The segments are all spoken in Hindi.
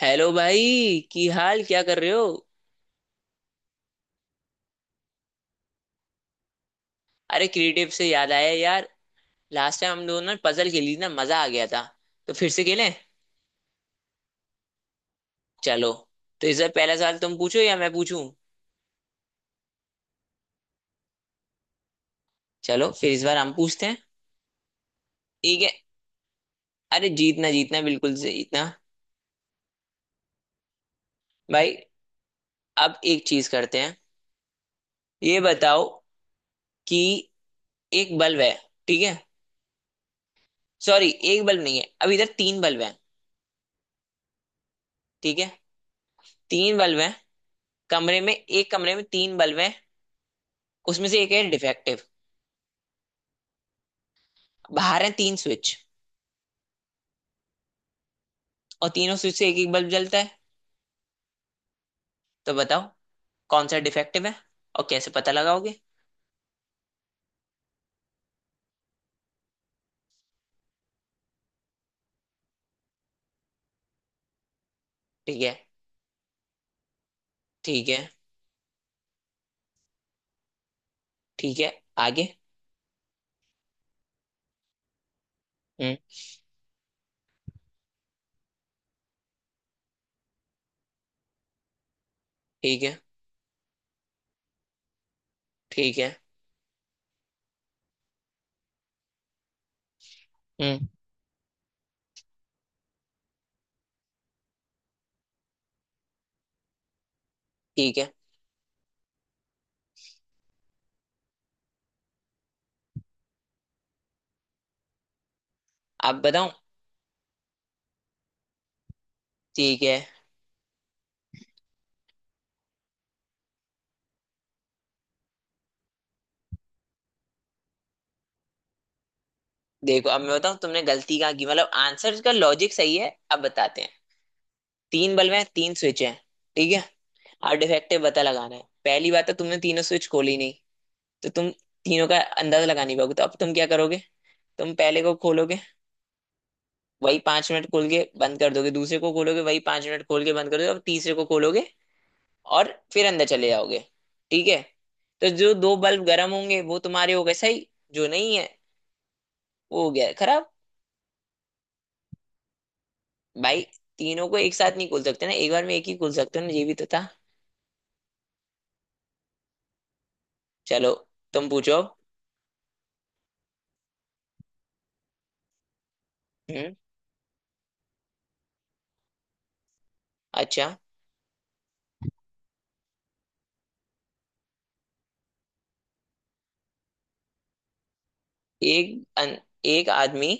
हेलो भाई, की हाल क्या कर रहे हो? अरे, क्रिएटिव से याद आया यार। लास्ट टाइम हम दोनों ने पजल खेली ना, मजा आ गया था। तो फिर से खेलें? चलो। तो इस बार पहला सवाल तुम पूछो या मैं पूछूं? चलो, फिर इस बार हम पूछते हैं। ठीक है। अरे जीतना जीतना, बिल्कुल से जीतना। भाई। अब एक चीज करते हैं। ये बताओ, कि एक बल्ब है। ठीक है। सॉरी, एक बल्ब नहीं है, अब इधर तीन बल्ब है। ठीक है। तीन बल्ब है। कमरे में तीन बल्ब है। उसमें से एक है डिफेक्टिव। बाहर है तीन स्विच। और तीनों स्विच से एक एक बल्ब जलता है। तो बताओ, कौन सा डिफेक्टिव है और कैसे पता लगाओगे? ठीक है। ठीक है। ठीक है। आगे। हम्म। ठीक है। ठीक है। हम्म। ठीक है। अब बताऊं? ठीक है। देखो, अब मैं बताऊं तुमने गलती कहाँ की। मतलब आंसर का लॉजिक सही है, अब बताते हैं। तीन बल्ब हैं, तीन स्विच हैं। ठीक है। और डिफेक्टिव पता लगाना है। पहली बात तो, तुमने तीनों स्विच खोली नहीं। तो तुम तीनों का अंदाजा लगा नहीं पाओगे। तो अब तुम क्या करोगे? तुम पहले को खोलोगे। वही 5 मिनट खोल के बंद कर दोगे, दूसरे को खोलोगे, वही 5 मिनट खोल के बंद कर दोगे, और तीसरे को खोलोगे। और फिर अंदर चले जाओगे। ठीक है। तो जो दो बल्ब गर्म होंगे वो तुम्हारे हो गए सही। जो नहीं है, वो हो गया खराब। भाई, तीनों को एक साथ नहीं खोल सकते ना, एक बार में एक ही खोल सकते हो ना, ये भी तो था। चलो, तुम पूछो अब। हम्म। अच्छा, एक अन, एक आदमी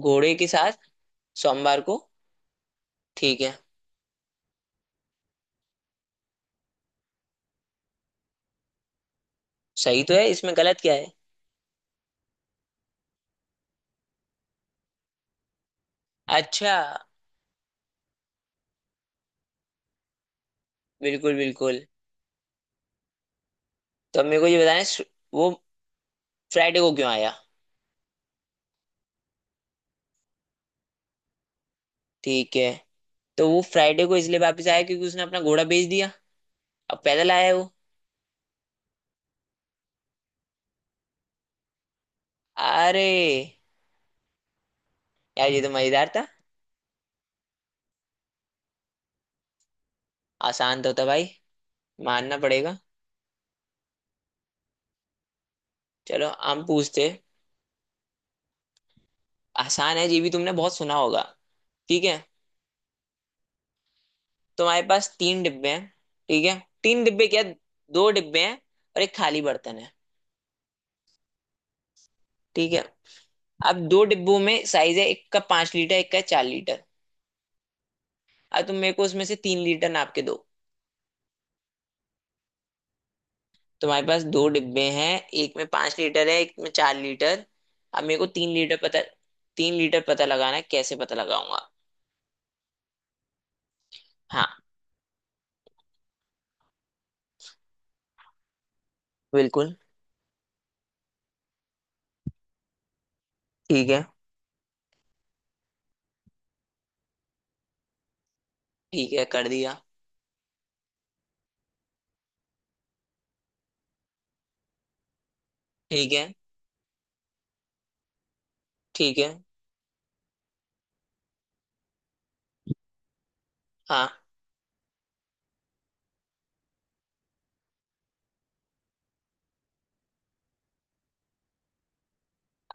घोड़े के साथ सोमवार को। ठीक है। सही तो है, इसमें गलत क्या है? अच्छा। बिल्कुल बिल्कुल। तो अब मेरे को ये बताना है, वो फ्राइडे को क्यों आया। ठीक है। तो वो फ्राइडे को इसलिए वापस आया क्योंकि उसने अपना घोड़ा बेच दिया। अब पैदल आया है वो। अरे, यार ये तो मजेदार था। आसान तो था भाई। मानना पड़ेगा। चलो, हम पूछते। आसान है, ये भी तुमने बहुत सुना होगा। ठीक है। तुम्हारे पास तीन डिब्बे हैं। ठीक है। तीन डिब्बे क्या, दो डिब्बे हैं। और एक खाली बर्तन है। ठीक है। अब दो डिब्बों में साइज है, एक का 5 लीटर, एक का 4 लीटर। अब तुम मेरे को उसमें से 3 लीटर नाप के दो। तुम्हारे पास दो डिब्बे हैं। एक में 5 लीटर है, एक में 4 लीटर। अब मेरे को 3 लीटर पता, 3 लीटर पता लगाना है, कैसे पता लगाऊंगा? हाँ, बिल्कुल। ठीक है। ठीक है, कर दिया। ठीक है। ठीक है। हाँ।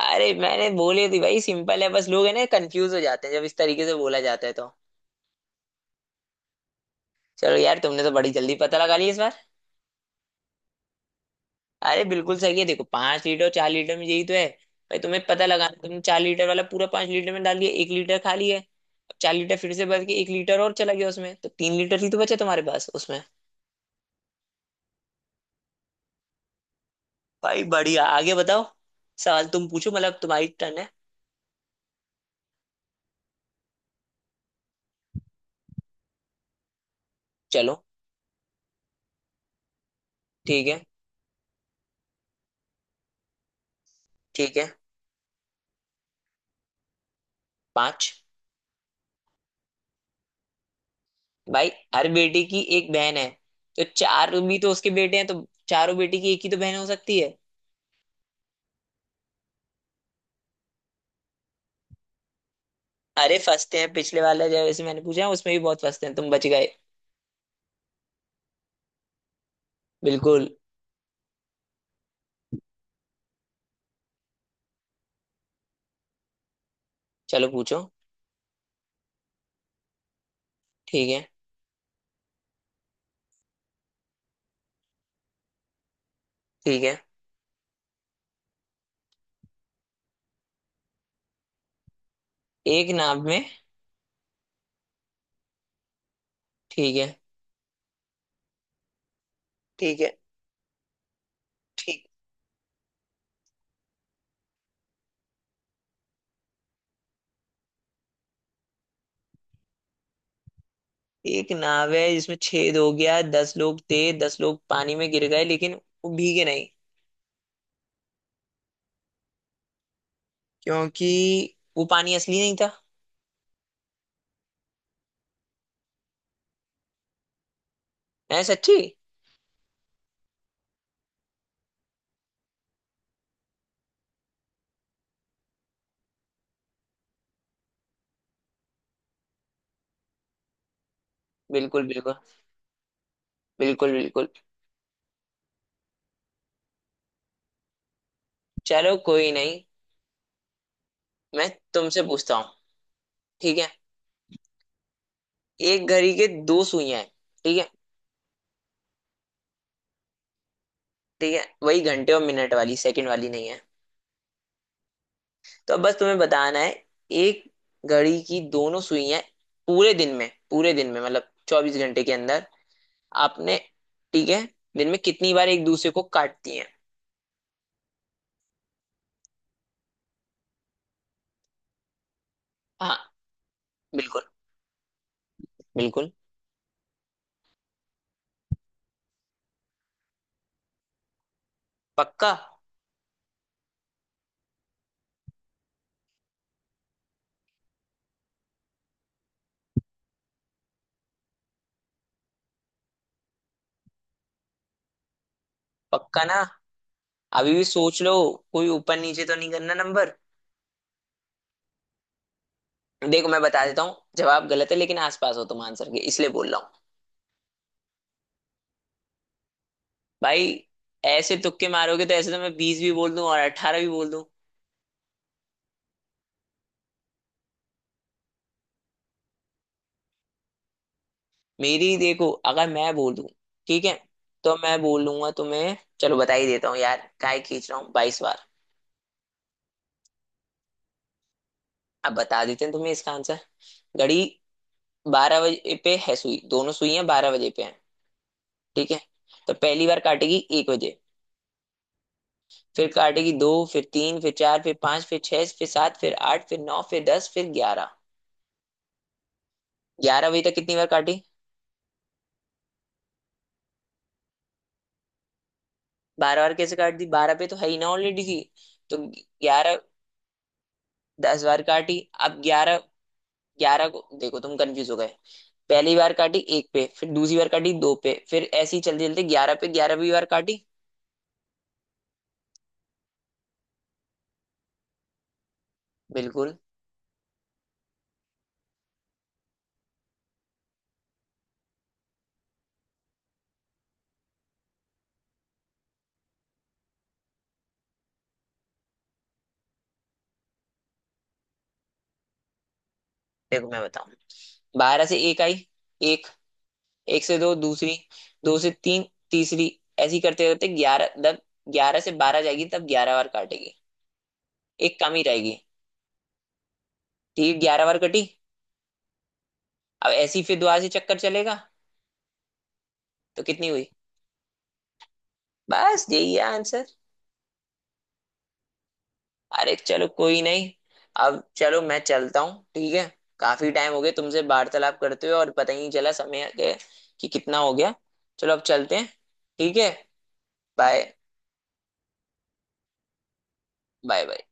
अरे मैंने बोली थी भाई, सिंपल है, बस लोग है ना कंफ्यूज हो जाते हैं जब इस तरीके से बोला जाता है तो। चलो यार, तुमने तो बड़ी जल्दी पता लगा ली इस बार। अरे बिल्कुल सही है। देखो, 5 लीटर और 4 लीटर में यही तो है। भाई तुम्हें पता लगाना, तुमने 4 लीटर वाला पूरा 5 लीटर में डाल दिया, 1 लीटर खाली है। 4 लीटर फिर से भर के 1 लीटर और चला गया उसमें, तो 3 लीटर ही तो बचे तुम्हारे पास उसमें। भाई बढ़िया, आगे बताओ। सवाल तुम पूछो, मतलब तुम्हारी टर्न है। चलो। ठीक है। ठीक है। पांच। भाई, हर बेटे की एक बहन है। तो चार भी तो उसके बेटे हैं, तो चारों बेटे की एक ही तो बहन हो सकती है। अरे फंसते हैं, पिछले वाला जैसे मैंने पूछा है, उसमें भी बहुत फंसते हैं, तुम बच गए। बिल्कुल। चलो पूछो। ठीक है। ठीक है। एक नाव में। ठीक है। ठीक है। ठीक। एक नाव है जिसमें छेद हो गया, 10 लोग थे, 10 लोग पानी में गिर गए, लेकिन वो भीगे नहीं। क्योंकि वो पानी असली नहीं था। है सच्ची? बिल्कुल बिल्कुल। बिल्कुल बिल्कुल। चलो, कोई नहीं। मैं तुमसे पूछता हूँ। ठीक है। एक घड़ी के दो सुइयां हैं। ठीक है। ठीक है, वही घंटे और मिनट वाली, सेकंड वाली नहीं है। तो अब बस तुम्हें बताना है, एक घड़ी की दोनों सुइयां पूरे दिन में, पूरे दिन में मतलब 24 घंटे के अंदर, आपने। ठीक है। दिन में कितनी बार एक दूसरे को काटती हैं? हाँ, बिल्कुल। बिल्कुल। पक्का? पक्का ना? अभी भी सोच लो। कोई ऊपर नीचे तो नहीं करना नंबर? देखो मैं बता देता हूँ, जवाब गलत है लेकिन आसपास हो तुम आंसर के, इसलिए बोल रहा हूँ। भाई, ऐसे तुक्के मारोगे तो ऐसे तो मैं 20 भी बोल दूं और 18 भी बोल दूं। मेरी ही देखो, अगर मैं बोल दूं। ठीक है। तो मैं बोलूंगा तुम्हें, चलो बता ही देता हूँ यार, काय खींच रहा हूँ, 22 बार। अब बता देते हैं तुम्हें इसका आंसर। घड़ी 12 बजे पे है सुई, दोनों सुइयां 12 बजे पे हैं। ठीक है। तो पहली बार काटेगी 1 बजे। फिर काटेगी दो, फिर तीन, फिर चार, फिर पांच, फिर छह, फिर सात, फिर आठ, फिर नौ, फिर 10 फिर 11 11 बजे तक कितनी बार काटी? 12 बार कैसे काट दी? बारह पे तो है ही ना, ऑलरेडी थी। तो 11। 10 बार काटी। अब 11। ग्यारह को देखो, तुम कंफ्यूज हो गए। पहली बार काटी एक पे, फिर दूसरी बार काटी दो पे, फिर ऐसे ही चलते चलते 11 पे 11वीं बार काटी। बिल्कुल। देखो मैं बताऊं। बारह से एक आई। एक। एक से दो, दूसरी। दो से तीन। तीसरी। ऐसी करते करते 11, जब 11 से बारह जाएगी, तब 11 बार काटेगी। एक कम ही रहेगी। ठीक है, 11 बार कटी। अब ऐसी फिर दोबारा से चक्कर चलेगा। तो कितनी हुई? बस यही है आंसर। अरे चलो, कोई नहीं। अब चलो, मैं चलता हूँ, ठीक है। काफी टाइम हो गया तुमसे वार्तालाप करते हुए, और पता ही नहीं चला समय के कि कितना हो गया। चलो, अब चलते हैं। ठीक है। बाय। Bye bye.